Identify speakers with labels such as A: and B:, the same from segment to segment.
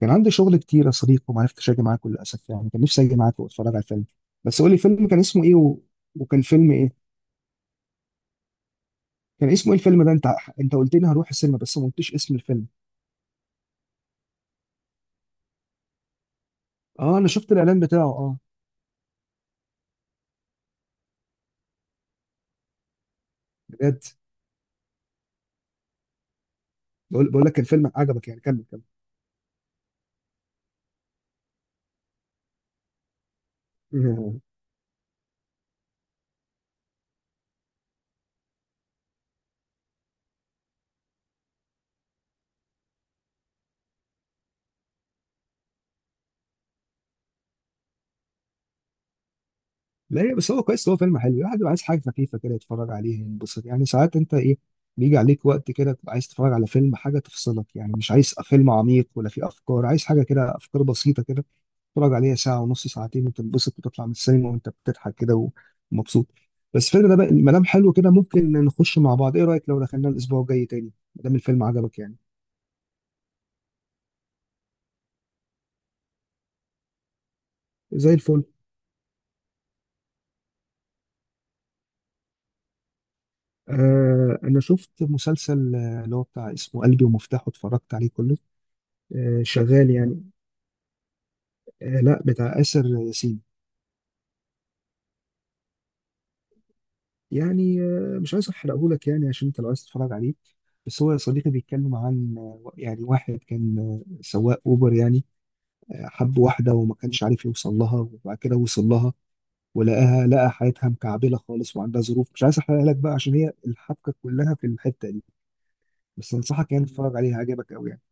A: كان عندي شغل كتير يا صديقي وما عرفتش اجي معاك للاسف، يعني كان نفسي اجي معاك واتفرج على الفيلم. بس قول لي، فيلم كان اسمه ايه و... وكان فيلم ايه كان اسمه ايه الفيلم ده؟ انت قلت لي هروح السينما بس ما قلتش اسم الفيلم. اه انا شفت الاعلان بتاعه، اه. بجد. بقول لك، كان فيلم عجبك يعني؟ كمل كمل. مم. لا، هي بس هو كويس، هو فيلم حلو يعني، الواحد بيبقى عايز حاجه خفيفه كده يتفرج عليها ينبسط يعني. ساعات انت ايه، بيجي عليك وقت كده تبقى عايز تتفرج على فيلم، حاجه تفصلك يعني، مش عايز فيلم عميق ولا فيه افكار، عايز حاجه كده افكار بسيطه كده، تتفرج عليها ساعة ونص ساعتين وتنبسط وتطلع من السينما وانت بتضحك كده ومبسوط. بس الفيلم ده بقى، ما دام حلو كده ممكن نخش مع بعض. ايه رأيك لو دخلنا الأسبوع الجاي تاني ما دام الفيلم عجبك يعني؟ زي الفل. آه أنا شفت مسلسل، اللي هو بتاع اسمه قلبي ومفتاحه، اتفرجت عليه كله. آه شغال يعني. آه لا، بتاع آسر ياسين. يعني مش عايز أحرقهولك يعني عشان أنت لو عايز تتفرج عليه. بس هو يا صديقي بيتكلم عن، يعني واحد كان، سواق أوبر يعني. حب واحدة وما كانش عارف يوصل لها، وبعد كده وصل لها ولقاها، لقى حياتها مكعبلة خالص وعندها ظروف، مش عايز احرقها لك بقى عشان هي الحبكة كلها في الحتة دي. بس انصحك يعني تتفرج عليها، هيعجبك قوي يعني.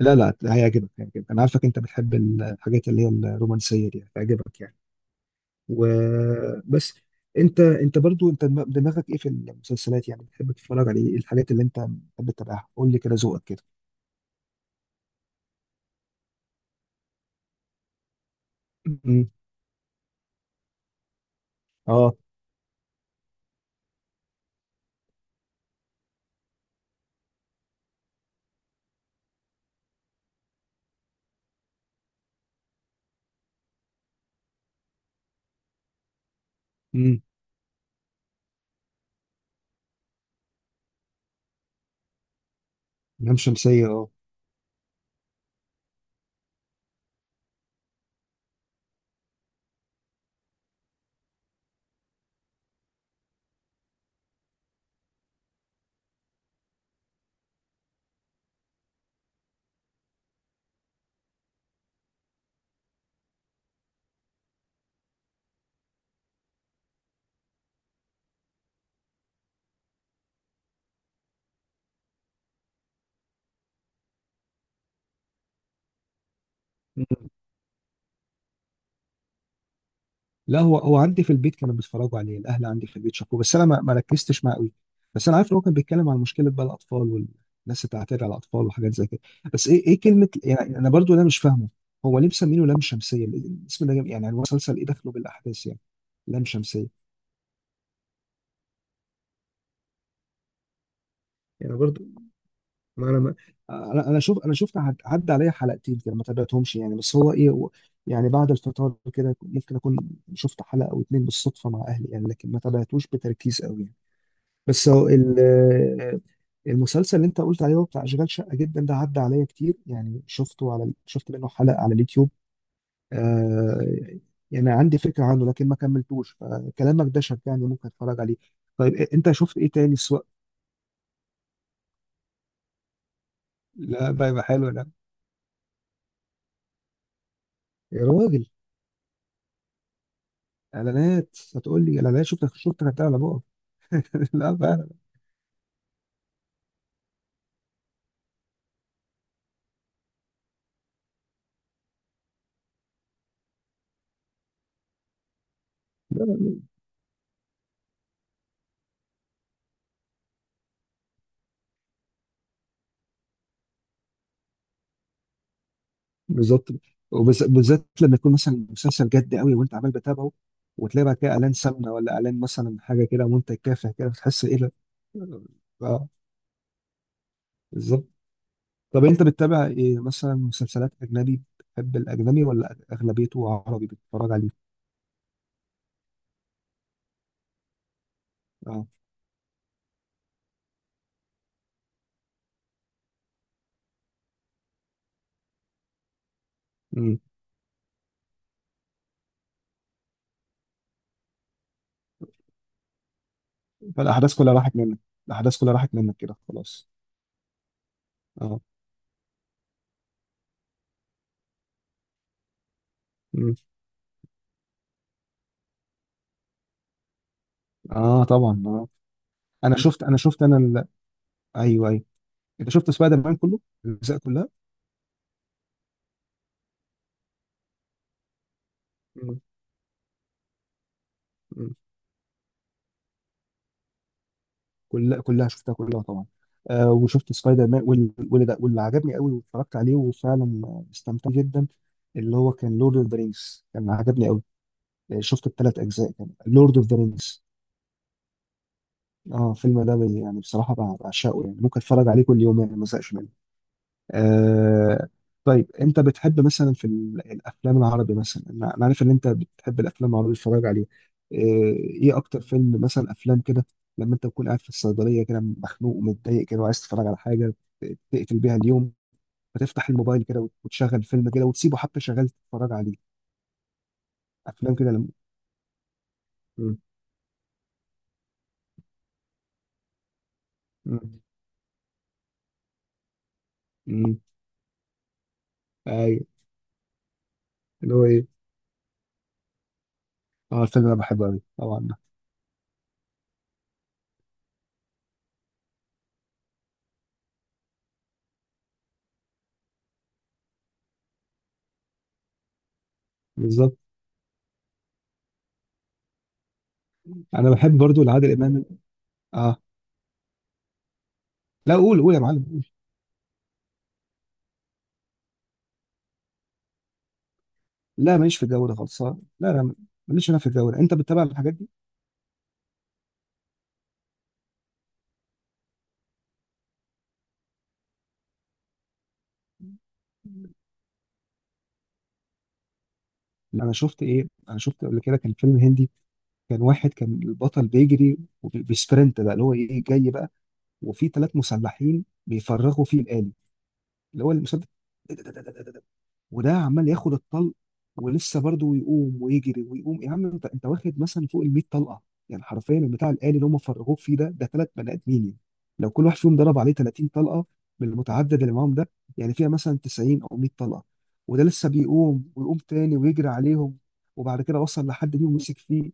A: لا لا، هيعجبك هيعجبك، انا عارفك انت بتحب الحاجات اللي هي الرومانسية دي، هتعجبك يعني. وبس. انت برضو انت دماغك ايه في المسلسلات يعني؟ بتحب تتفرج على ايه؟ الحاجات اللي انت بتحب تتابعها قول لي كده، ذوقك كده. م- م. اه. امم. لام شمسية اه. لا، هو عندي في البيت كانوا بيتفرجوا عليه، الاهل عندي في البيت شافوه بس انا ما ركزتش معاه قوي. بس انا عارف ان هو كان بيتكلم عن مشكله بقى الاطفال والناس اللي بتعتدي على الاطفال وحاجات زي كده. بس ايه، كلمه يعني؟ انا برضو ده مش فاهمه، هو ليه مسمينه لام شمسيه؟ الاسم ده جامد، يعني المسلسل ايه دخله بالاحداث يعني؟ لام شمسيه. يعني برضو، ما انا ما انا انا شوف انا شفت عدى عليا حلقتين كده، ما تابعتهمش يعني. بس هو ايه، يعني بعد الفطار كده ممكن اكون شفت حلقه او اتنين بالصدفه مع اهلي، يعني لكن ما تابعتوش بتركيز قوي يعني. بس هو المسلسل اللي انت قلت عليه، هو بتاع اشغال شقه جدا ده، عدى عليا كتير يعني، شفت منه حلقه على اليوتيوب. آه، يعني عندي فكره عنه لكن ما كملتوش، فكلامك ده شجعني ممكن اتفرج عليه. طيب انت شفت ايه تاني سواء؟ لا بقى، يبقى حلو ده. يا راجل، اعلانات؟ هتقول لي اعلانات؟ شفتك هتعلى بقى. لا فعلا. بالظبط، وبالذات لما يكون مثلا مسلسل جد قوي وانت عمال بتابعه، وتلاقي بقى كده اعلان سمنه، ولا اعلان مثلا حاجه كده منتج تافه كده، بتحس ايه ده؟ اه بالظبط. طب انت بتتابع ايه مثلا؟ مسلسلات اجنبي بتحب الاجنبي ولا اغلبيته عربي بتتفرج عليه؟ اه. امم. فالاحداث كلها راحت منك، كده خلاص. اه. امم. اه طبعا اه. انا شفت انا شفت انا ال... ايوه ايوه. انت شفت سبايدر مان كله، الاجزاء كلها؟ مم. كلها كلها شفتها كلها طبعا. آه وشفت سبايدر مان واللي عجبني قوي واتفرجت عليه وفعلا، استمتعت جدا، اللي هو كان لورد اوف ذا رينجز، كان عجبني قوي. شفت الثلاث اجزاء، كان لورد اوف ذا رينجز. اه الفيلم ده يعني بصراحه بعشقه يعني، ممكن اتفرج عليه كل يوم يعني ما ازهقش منه. آه. طيب انت بتحب مثلا في الافلام العربي مثلا؟ أنا عارف ان انت بتحب الافلام العربي تتفرج عليها. آه. ايه اكتر فيلم مثلا؟ افلام كده لما انت تكون قاعد في الصيدليه كده، مخنوق ومتضايق كده، وعايز تتفرج على حاجه تقتل بيها اليوم، فتفتح الموبايل كده وتشغل فيلم كده، وتسيبه حتى شغال تتفرج عليه، افلام كده لما. مم. مم. مم. ايوه. اللي هو ايه، اه الفيلم انا بحبه قوي طبعا. بالظبط. انا بحب برضو لعادل امام. اه. لا قول قول يا معلم. لا ماليش في الجو ده خالص، لا لا. ماليش انا في الجو ده. انت بتتابع الحاجات دي؟ انا شفت ايه، انا شفت قبل كده كان فيلم هندي، كان واحد كان البطل بيجري وبيسبرنت بقى، اللي هو ايه جاي بقى، وفي 3 مسلحين بيفرغوا فيه الآلي اللي هو المسدس، وده عمال ياخد الطلق ولسه برضه يقوم ويجري ويقوم. يا عم انت واخد مثلا فوق ال 100 طلقه، يعني حرفيا البتاع الآلي اللي هم فرغوه فيه ده، 3 بني ادمين يعني، لو كل واحد فيهم ضرب عليه 30 طلقه بالمتعدد اللي معاهم ده، يعني فيها مثلا 90 او 100 طلقه، وده لسه بيقوم ويقوم تاني ويجري عليهم، وبعد كده وصل لحد فيهم مسك فيه،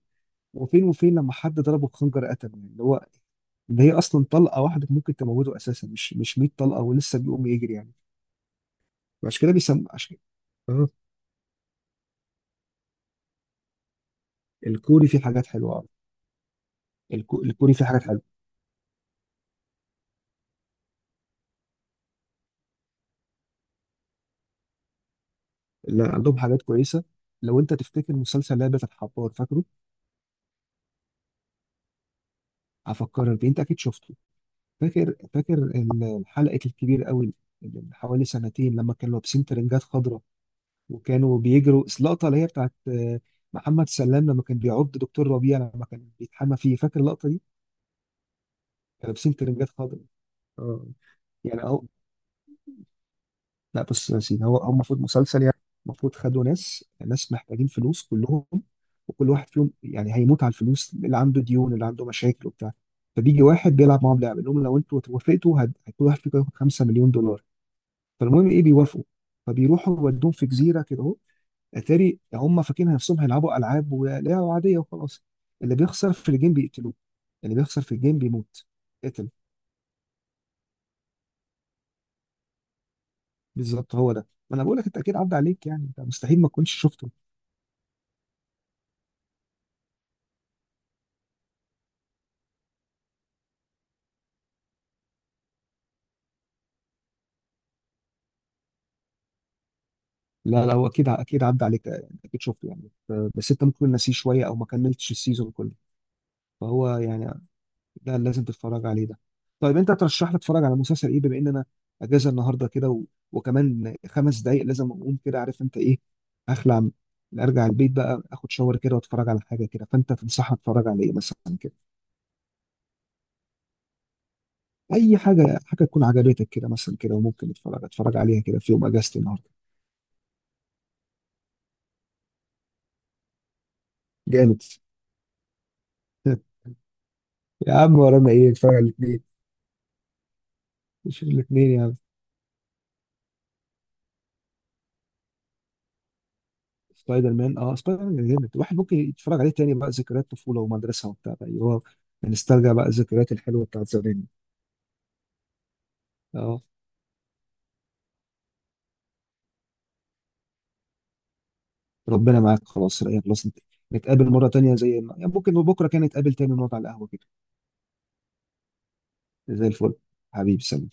A: وفين لما حد ضربه بخنجر قتله، يعني اللي هو ان هي اصلا طلقه واحده ممكن تموته اساسا، مش 100 طلقه ولسه بيقوم يجري يعني، عشان كده بيسم عشان. الكوري فيه حاجات حلوه أوي. الكوري فيه حاجات حلوه. لا عندهم حاجات كويسه. لو انت تفتكر مسلسل لعبه الحبار فاكره؟ هفكرك بيه، انت اكيد شفته. فاكر حلقه الكبير قوي، اللي من حوالي سنتين لما كانوا لابسين ترنجات خضراء، وكانوا بيجروا اللقطه اللي هي بتاعت، محمد سلام لما كان بيعض دكتور ربيع لما كان بيتحمى فيه، فاكر اللقطه دي؟ كانوا لابسين ترنجات خضراء. اه يعني، لا بص يا سيدي، هو المفروض مسلسل يعني، المفروض خدوا ناس محتاجين فلوس كلهم، وكل واحد فيهم يعني هيموت على الفلوس، اللي عنده ديون، اللي عنده مشاكل وبتاع، فبيجي واحد بيلعب معاهم لعبه يقول لهم لو انتوا وافقتوا كل واحد فيكم هياخد 5 مليون دولار. فالمهم ايه، بيوافقوا، فبيروحوا يودوهم في جزيره كده اهو، اتاري هم فاكرين نفسهم هيلعبوا العاب ولعبه عاديه وخلاص، اللي بيخسر في الجيم بيقتلوه، اللي بيخسر في الجيم بيموت. قتل، بالظبط، هو ده، ما انا بقول لك، انت اكيد عدى عليك يعني، انت مستحيل ما تكونش شفته. لا لا هو اكيد اكيد عدى عليك يعني، اكيد شفته يعني، بس انت ممكن ناسيه شويه او ما كملتش السيزون كله، فهو يعني، لا لازم تتفرج عليه ده. طيب انت ترشح لي اتفرج على مسلسل ايه بما ان انا اجازه النهارده كده و... وكمان 5 دقايق لازم اقوم كده عارف انت ايه، هخلع ارجع البيت بقى، اخد شاور كده واتفرج على حاجه كده، فانت تنصحني اتفرج على ايه مثلا كده؟ اي حاجه، حاجه تكون عجبتك كده مثلا كده، وممكن اتفرج عليها كده في يوم اجازتي النهارده. جامد. يا عم ورانا ايه، اتفرج على الاثنين. نشوف الاثنين يا عم. سبايدر مان، اه سبايدر مان جامد، الواحد ممكن يتفرج عليه تاني بقى، ذكريات طفوله ومدرسه وبتاع بقى، هو بنسترجع بقى الذكريات الحلوه بتاعت زمان. اه. ربنا معاك، خلاص رأيك، خلاص نتقابل مره تانيه زي ما، يعني ممكن بكره كان نتقابل تاني ونقعد على القهوه كده. زي الفل. حبيبي سلام.